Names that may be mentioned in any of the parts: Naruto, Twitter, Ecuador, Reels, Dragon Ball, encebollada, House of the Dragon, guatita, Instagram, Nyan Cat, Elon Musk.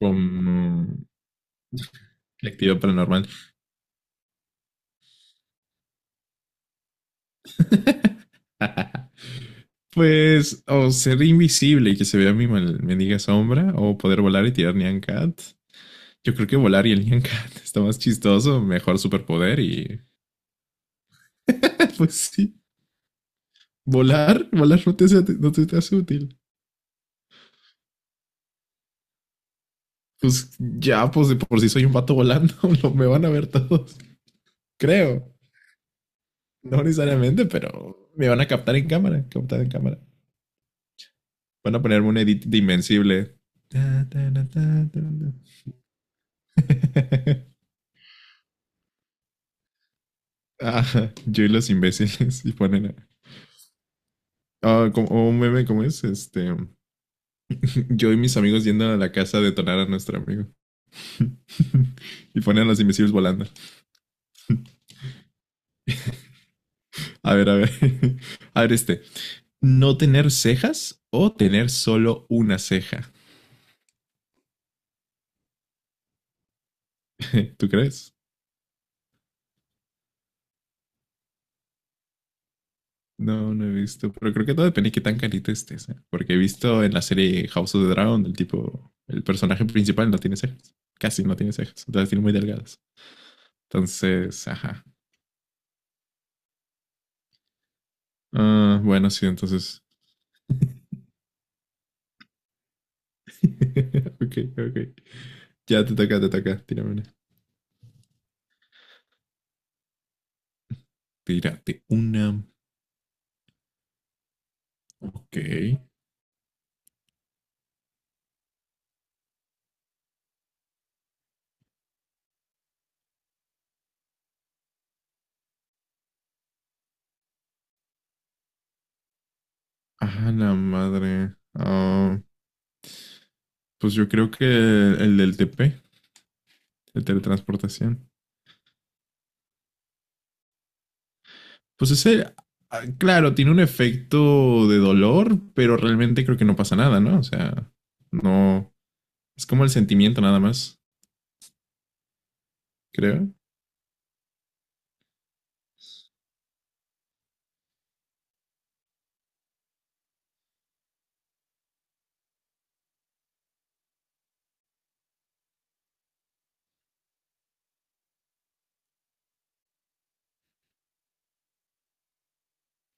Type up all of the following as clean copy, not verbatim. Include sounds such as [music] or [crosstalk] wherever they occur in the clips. Con actividad paranormal. [laughs] Pues, o ser invisible y que se vea mi mal- mendiga sombra, o poder volar y tirar Nyan Cat. Yo creo que volar y el Nyan Cat [laughs] está más chistoso, mejor superpoder y. [laughs] Pues sí. Volar, volar no te, hace- no te, te hace útil. Pues ya, pues de por sí soy un vato volando, [laughs] me van a ver todos. Creo. No necesariamente, pero me van a captar en cámara, captar en cámara. Van a ponerme un edit de invencible. Ta, ta, ta, ta, ta, ta. [laughs] Ajá, yo y los imbéciles y ponen a- Ah, como- o un meme, ¿cómo es? Yo y mis amigos yendo a la casa a detonar a nuestro amigo. [laughs] Y ponen a los imbéciles volando. A ver, a ver. [laughs] A ver. ¿No tener cejas o tener solo una ceja? [laughs] ¿Tú crees? No, no he visto. Pero creo que todo depende de qué tan carita estés, ¿eh? Porque he visto en la serie House of the Dragon, el tipo, el personaje principal no tiene cejas. Casi no tiene cejas. Las tiene muy delgadas. Entonces, ajá. Ah, bueno, sí, entonces. [laughs] Ok, ok. Ya te toca, te toca. Tírame una. Tírate una. Ok. Ah, la madre. Ah, pues yo creo que el del TP, el teletransportación. Pues ese, ah, claro, tiene un efecto de dolor, pero realmente creo que no pasa nada, ¿no? O sea, no. Es como el sentimiento nada más, creo.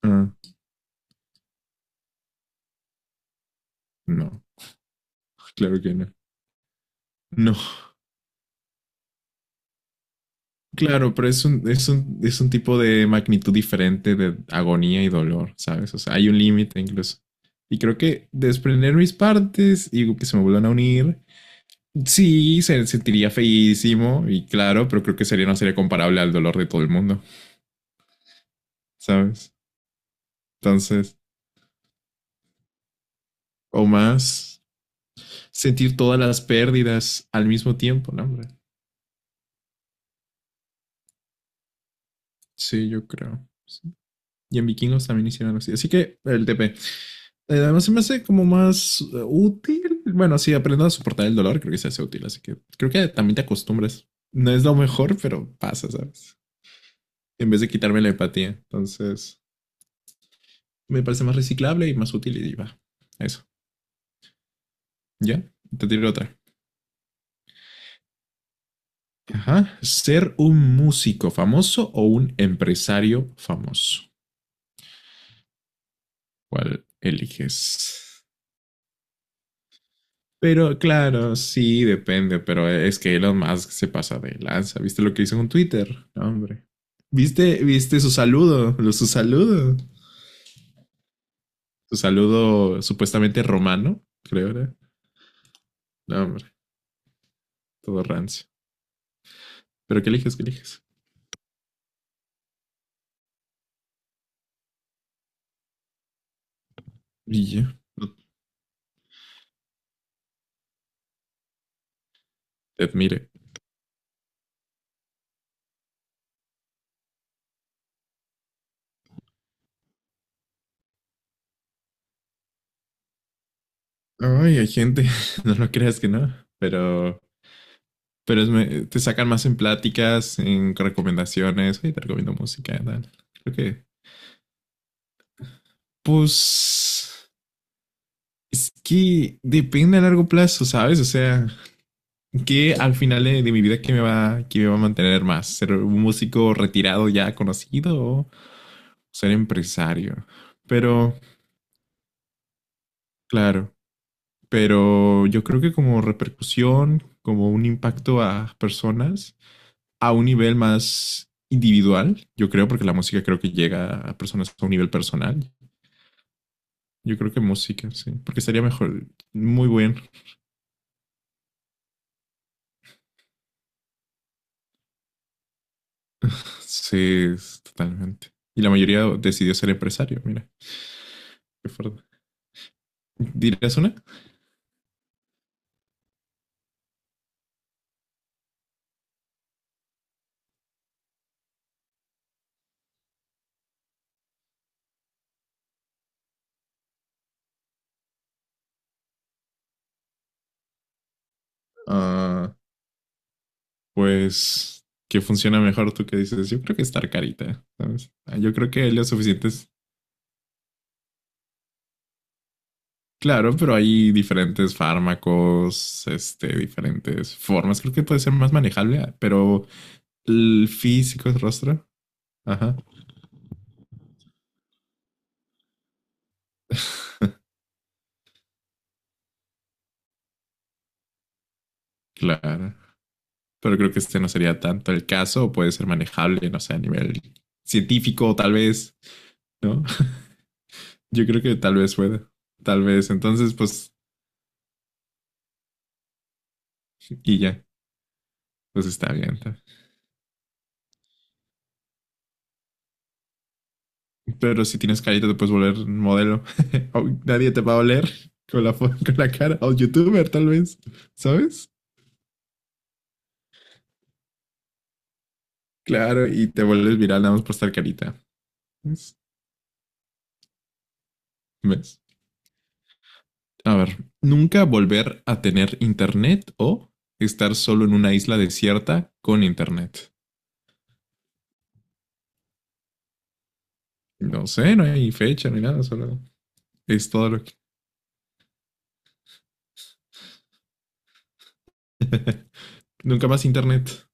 Ah, no, claro que no. No, claro, pero es un tipo de magnitud diferente de agonía y dolor, ¿sabes? O sea, hay un límite incluso. Y creo que desprender mis partes y que se me vuelvan a unir, sí, se sentiría feísimo y claro, pero creo que sería, no sería comparable al dolor de todo el mundo, ¿sabes? Entonces, o más, sentir todas las pérdidas al mismo tiempo, ¿no, hombre? Sí, yo creo. Sí. Y en vikingos también hicieron algo así. Así que el TP. Además, se me hace como más útil. Bueno, sí, aprendo a soportar el dolor, creo que se hace útil, así que creo que también te acostumbras. No es lo mejor, pero pasa, ¿sabes? En vez de quitarme la empatía. Entonces, me parece más reciclable y más útil y va. Eso. ¿Ya? Te tiro otra. Ajá. ¿Ser un músico famoso o un empresario famoso? ¿Cuál eliges? Pero claro, sí, depende, pero es que Elon Musk se pasa de lanza. ¿Viste lo que hizo con Twitter? No, hombre. ¿Viste su saludo? Lo- Su saludo. Su saludo supuestamente romano, creo, era. No, hombre, todo rancio. ¿Pero qué eliges? ¿Qué eliges? Y yo, no te admire. Ay, hay gente, [laughs] no lo creas que no, pero es me- te sacan más en pláticas, en recomendaciones. Oye, te recomiendo música, tal. Creo que, pues, es que depende a largo plazo, ¿sabes? O sea, que al final de mi vida, qué me va a mantener más? ¿Ser un músico retirado ya conocido o ser empresario? Pero, claro, pero yo creo que como repercusión, como un impacto a personas a un nivel más individual, yo creo, porque la música creo que llega a personas a un nivel personal. Yo creo que música, sí, porque estaría mejor, muy buen sí, totalmente. Y la mayoría decidió ser empresario, mira, qué fuerte. ¿Dirás una? Ah, pues qué funciona mejor tú que dices, yo creo que estar carita, ¿sabes? Ah, yo creo que hay los suficientes. Claro, pero hay diferentes fármacos, diferentes formas. Creo que puede ser más manejable, ah, pero el físico es rostro. Ajá. [laughs] Claro. Pero creo que este no sería tanto el caso, o puede ser manejable, no sé, a nivel científico, tal vez, ¿no? [laughs] Yo creo que tal vez pueda. Tal vez. Entonces, pues, y ya. Pues está bien. Está. Pero si tienes carita, te puedes volver modelo. [laughs] O nadie te va a oler con la, fo- [laughs] con la cara. O youtuber, tal vez. ¿Sabes? Claro, y te vuelves viral nada más por estar carita. ¿Ves? ¿Ves? A ver, nunca volver a tener internet o estar solo en una isla desierta con internet. No sé, no hay fecha, no hay nada, solo es todo lo que... [laughs] Nunca más internet.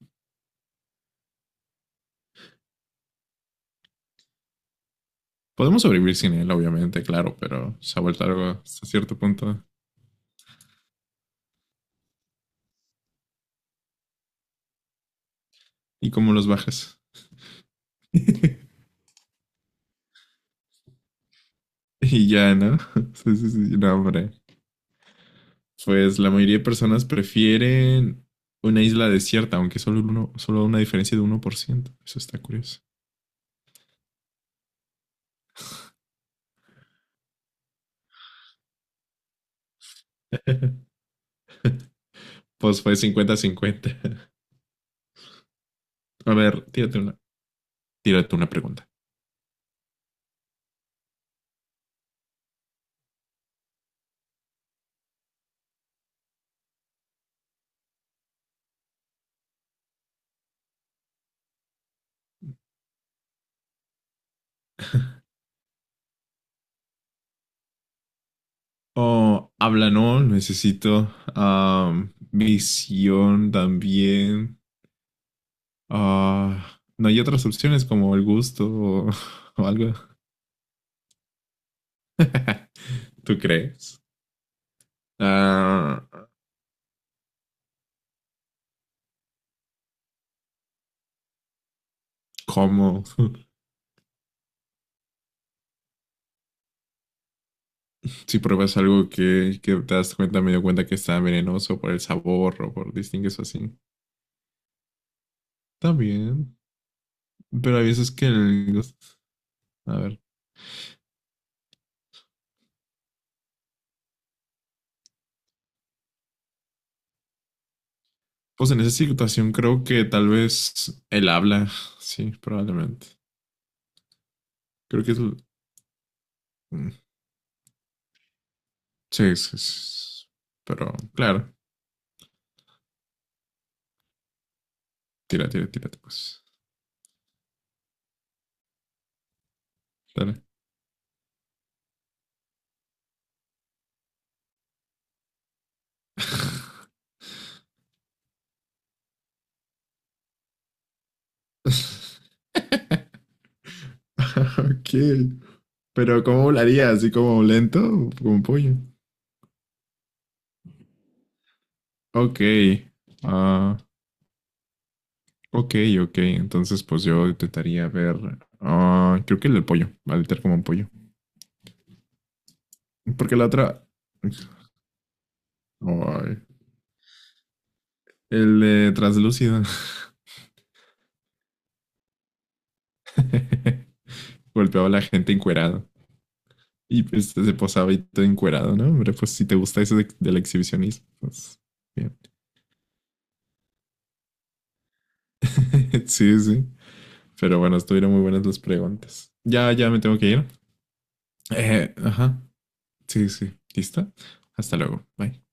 Podemos sobrevivir sin él, obviamente, claro, pero se ha vuelto algo hasta cierto punto. ¿Y cómo los bajas? [laughs] Y ya, ¿no? [laughs] Sí, sí, sí, no, hombre. Pues la mayoría de personas prefieren una isla desierta, aunque solo, uno, solo una diferencia de 1%. Eso está curioso. [laughs] Pues fue 50-50. [laughs] A ver, tírate una pregunta. Oh, habla, no, necesito visión también. Ah, no hay otras opciones como el gusto o algo. [laughs] ¿Tú crees? Ah, ¿cómo? [laughs] Si pruebas algo que te das cuenta, me dio cuenta que está venenoso por el sabor o por distingues o así. Está bien. Pero hay veces que el gusto. A ver. Pues en esa situación creo que tal vez él habla. Sí, probablemente. Creo que es. L- mm, sí, sí, sí, sí. Pero, claro. Tírate, pues. Dale. [laughs] [laughs] Ok. Pero ¿cómo volaría? ¿Así como lento? ¿O como un pollo? Ok. Ah, ok, ok. Entonces, pues yo intentaría ver. Ah, creo que el del pollo. Va a literar como un pollo. Porque la otra. Ay. El de translúcido. [laughs] Golpeaba a la gente encuerado. Y pues se posaba y todo encuerado, ¿no? Hombre, pues si te gusta eso de- del exhibicionismo, pues bien. [laughs] Sí, sí. Pero bueno, estuvieron muy buenas las preguntas. Ya, ya me tengo que ir. Ajá, sí, sí, sí. ¿Listo? Hasta luego. Bye.